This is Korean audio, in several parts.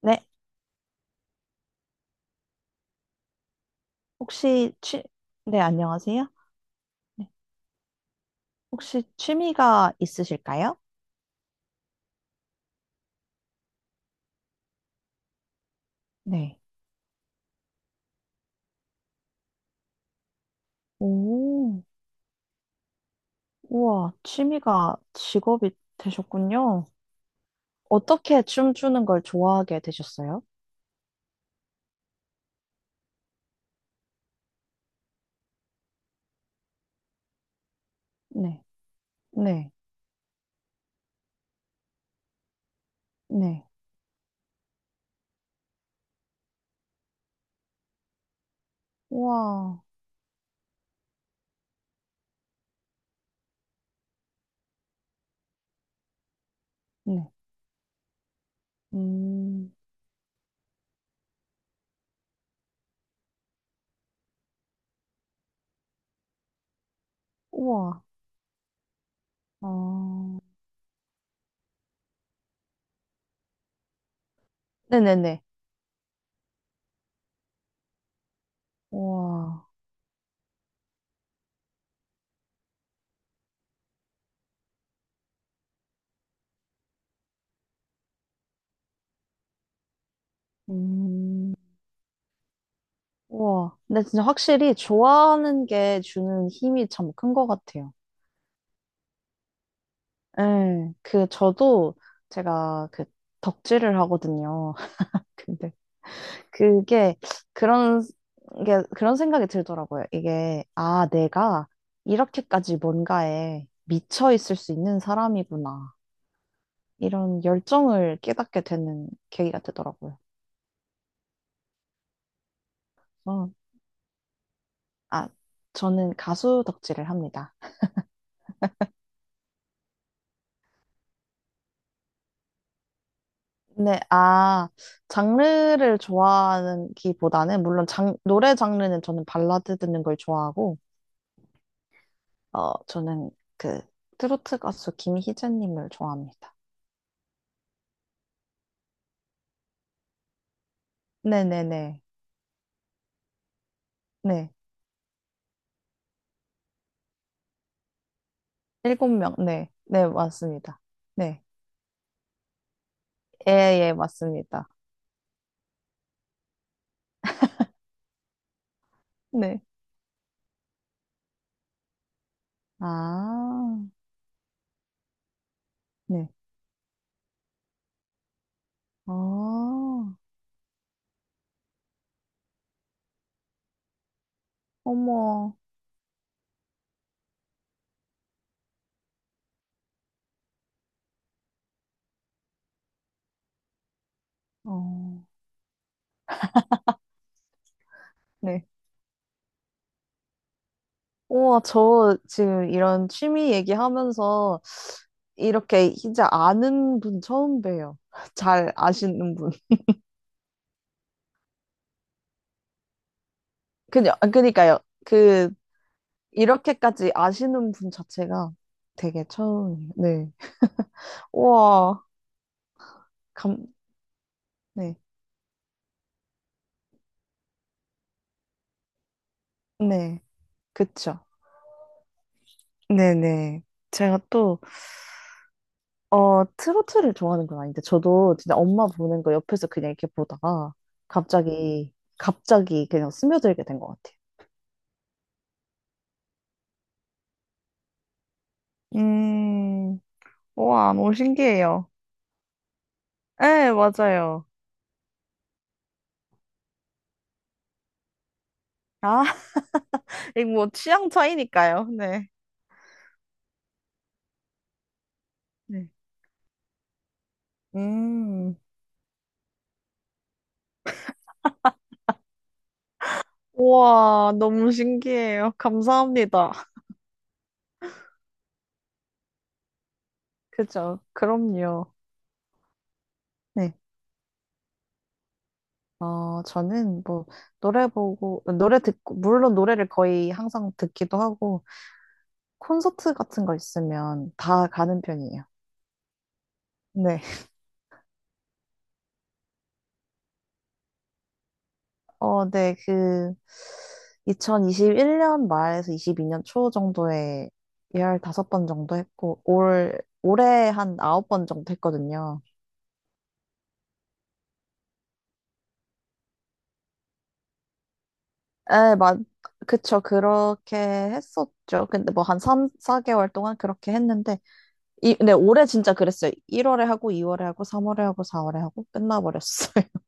네, 혹시 취, 네, 안녕하세요. 네, 혹시 취미가 있으실까요? 네. 오, 우와, 취미가 직업이 되셨군요. 어떻게 춤추는 걸 좋아하게 되셨어요? 네, 네, 네. 우와, 네. 음, 우와, 아, 네네네. 우와, 음, 우와. 근데 진짜 확실히 좋아하는 게 주는 힘이 참 큰 것 같아요. 예, 그, 저도 제가 그 덕질을 하거든요. 근데 그게 그런 그런 생각이 들더라고요. 이게, 아, 내가 이렇게까지 뭔가에 미쳐 있을 수 있는 사람이구나. 이런 열정을 깨닫게 되는 계기가 되더라고요. 그래서 아, 저는 가수 덕질을 합니다. 근데, 아, 장르를 좋아하는 기보다는, 물론 노래 장르는 저는 발라드 듣는 걸 좋아하고, 저는 그 트로트 가수 김희재님을 좋아합니다. 네네네. 네. 7명. 네. 네, 맞습니다. 네. 예, 예, 맞습니다. 네. 아, 네. 아, 어머. 어, 네. 우와, 저 지금 이런 취미 얘기하면서 이렇게 이제 아는 분 처음 봬요. 잘 아시는 분. 그냥, 그니까요. 그 이렇게까지 아시는 분 자체가 되게 처음이에요. 네. 우와, 감, 네. 네. 그쵸. 네네. 제가 또, 트로트를 좋아하는 건 아닌데, 저도 진짜 엄마 보는 거 옆에서 그냥 이렇게 보다가 갑자기, 갑자기 그냥 스며들게 된 것 같아요. 음, 우와, 너무 신기해요. 네, 맞아요. 아, 이거 뭐 취향 차이니까요. 네. 네. 음, 우와, 너무 신기해요. 감사합니다. 그죠. 그럼요. 네. 저는 뭐, 노래 보고, 노래 듣고, 물론 노래를 거의 항상 듣기도 하고, 콘서트 같은 거 있으면 다 가는 편이에요. 네. 네, 2021년 말에서 22년 초 정도에 15번 정도 했고, 올해 한 9번 정도 했거든요. 에, 맞, 그쵸. 그렇게 했었죠. 근데 뭐 한 3, 4개월 동안 그렇게 했는데, 근데 올해 진짜 그랬어요. 1월에 하고, 2월에 하고, 3월에 하고, 4월에 하고, 끝나버렸어요.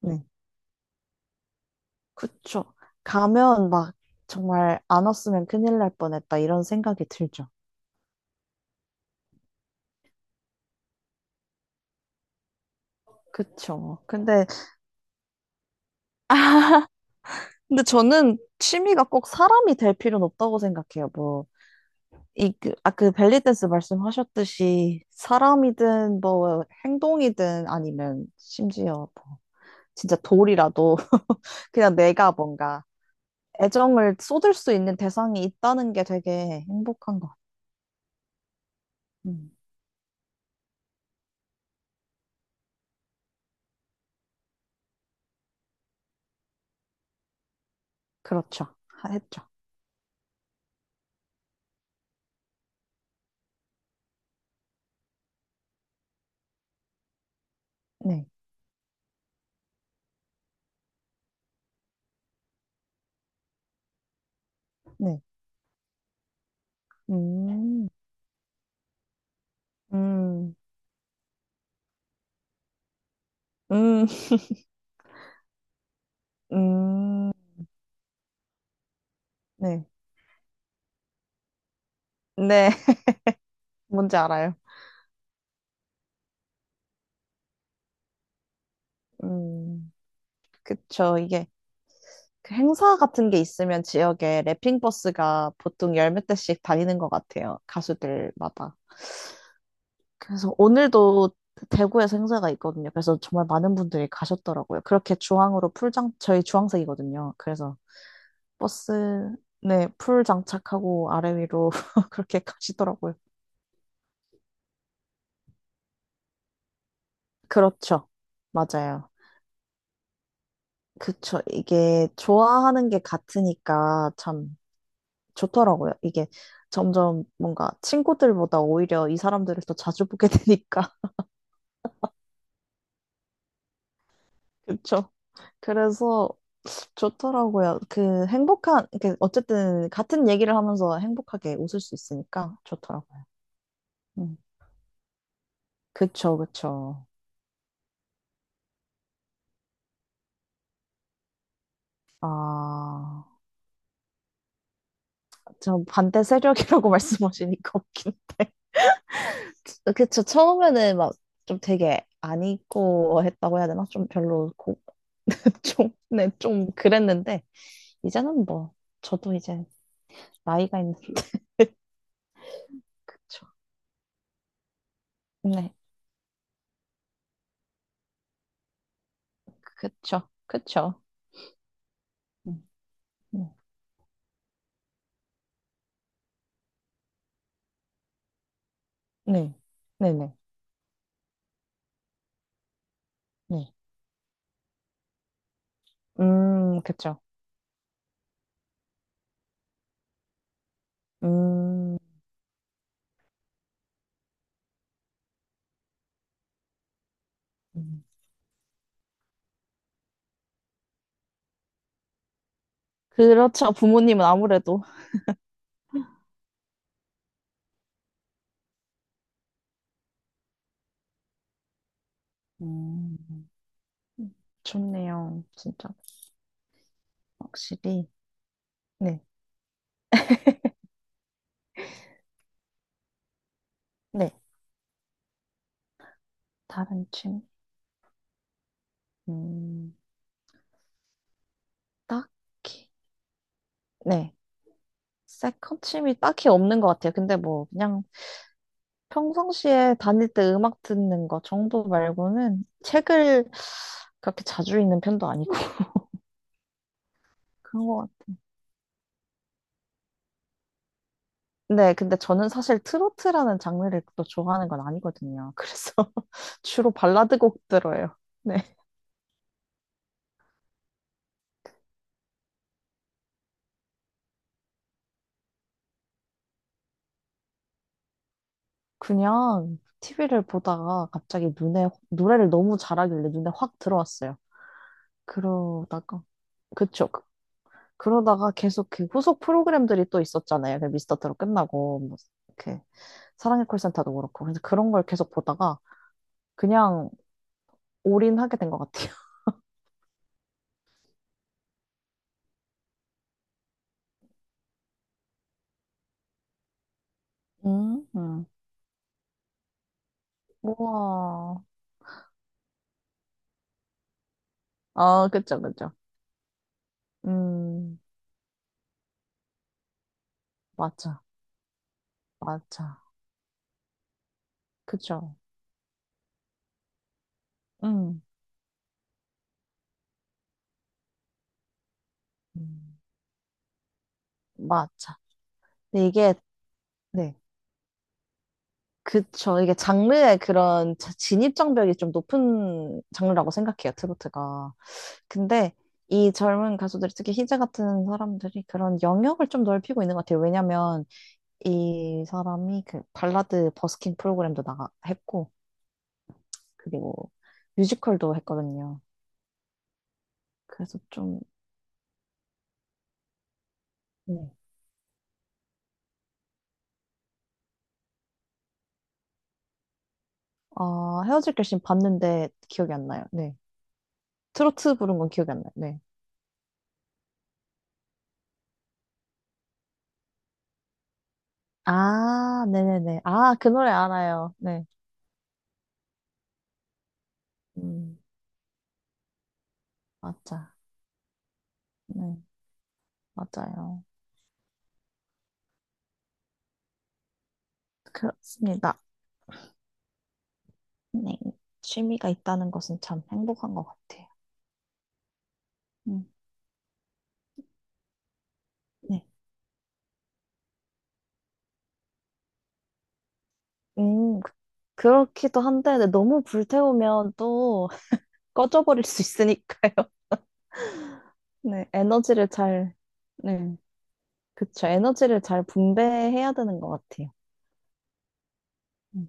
네. 그쵸. 가면 막 정말 안 왔으면 큰일 날 뻔했다, 이런 생각이 들죠. 그쵸. 아, 근데 저는 취미가 꼭 사람이 될 필요는 없다고 생각해요. 뭐, 그 벨리댄스 말씀하셨듯이, 사람이든, 뭐, 행동이든, 아니면 심지어, 뭐, 진짜 돌이라도, 그냥 내가 뭔가, 애정을 쏟을 수 있는 대상이 있다는 게 되게 행복한 것 같아요. 음, 그렇죠. 했죠. 네, 네. 음, 음, 음, 음, 네. 네, 뭔지 알아요. 음, 그쵸. 이게 그 행사 같은 게 있으면 지역에 랩핑 버스가 보통 열 몇 대씩 다니는 것 같아요. 가수들마다. 그래서 오늘도 대구에서 행사가 있거든요. 그래서 정말 많은 분들이 가셨더라고요. 그렇게 주황으로 풀장, 저희 주황색이거든요. 그래서 버스, 네, 풀 장착하고 아래 위로 그렇게 가시더라고요. 그렇죠. 맞아요. 그쵸. 이게 좋아하는 게 같으니까 참 좋더라고요. 이게 점점 뭔가 친구들보다 오히려 이 사람들을 더 자주 보게 되니까. 그쵸. 그래서 좋더라고요. 그 행복한, 이렇게 어쨌든 같은 얘기를 하면서 행복하게 웃을 수 있으니까 좋더라고요. 음. 그쵸, 그쵸. 아, 저 반대 세력이라고 말씀하시니까 웃기네. 그쵸. 처음에는 막 좀 되게 안 입고 했다고 해야 되나? 좀 별로, 좀, 네, 좀 그랬는데, 이제는 뭐, 저도 이제 나이가 있는, 그쵸. 네, 그쵸. 그쵸. 음, 음. 네, 네네, 네. 그쵸. 음, 음. 그렇죠. 부모님은 아무래도. 음, 좋네요. 진짜. 확실히. 네, 네. 다른 취미? 음, 딱히. 네. 세컨침이 딱히 없는 것 같아요. 근데 뭐 그냥 평상시에 다닐 때 음악 듣는 거 정도 말고는 책을 그렇게 자주 읽는 편도 아니고 그런 것 같아요. 네, 근데 저는 사실 트로트라는 장르를 또 좋아하는 건 아니거든요. 그래서 주로 발라드 곡 들어요. 네. 그냥 TV를 보다가 갑자기 눈에, 노래를 너무 잘하길래 눈에 확 들어왔어요. 그러다가, 그쵸. 그러다가 계속 그 후속 프로그램들이 또 있었잖아요. 그 미스터 트롯 끝나고 뭐 이렇게 사랑의 콜센터도 그렇고 그래서 그런 걸 계속 보다가 그냥 올인하게 된 것 같아요. 음, 음. 우와. 아, 그쵸, 그쵸. 음, 맞아, 맞아. 그쵸. 음. 음, 맞아. 근데 이게, 네. 그쵸. 이게 장르의 그런 진입장벽이 좀 높은 장르라고 생각해요, 트로트가. 근데 이 젊은 가수들, 특히 희재 같은 사람들이 그런 영역을 좀 넓히고 있는 것 같아요. 왜냐면 이 사람이 그 발라드 버스킹 프로그램도 나가 했고, 그리고 뮤지컬도 했거든요. 그래서 좀, 네. 아, 헤어질 결심 봤는데 기억이 안 나요. 네. 트로트 부른 건 기억이 안 나요. 네. 아, 네네네. 아, 그 노래 알아요. 네. 음, 맞아. 네, 맞아요. 그렇습니다. 네. 취미가 있다는 것은 참 행복한 것 같아요. 음. 네. 음, 그- 그렇기도 한데 근데 너무 불태우면 또 꺼져버릴 수 있으니까요. 네, 에너지를 잘, 네, 그쵸. 에너지를 잘 분배해야 되는 것 같아요. 음,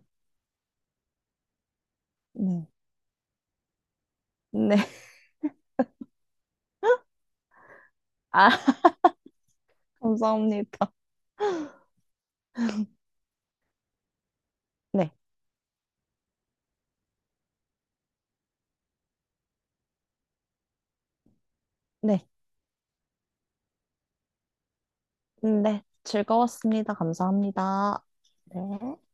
네. 네. 아, 감사합니다. 네, 네, 네. 즐거웠습니다. 감사합니다. 네.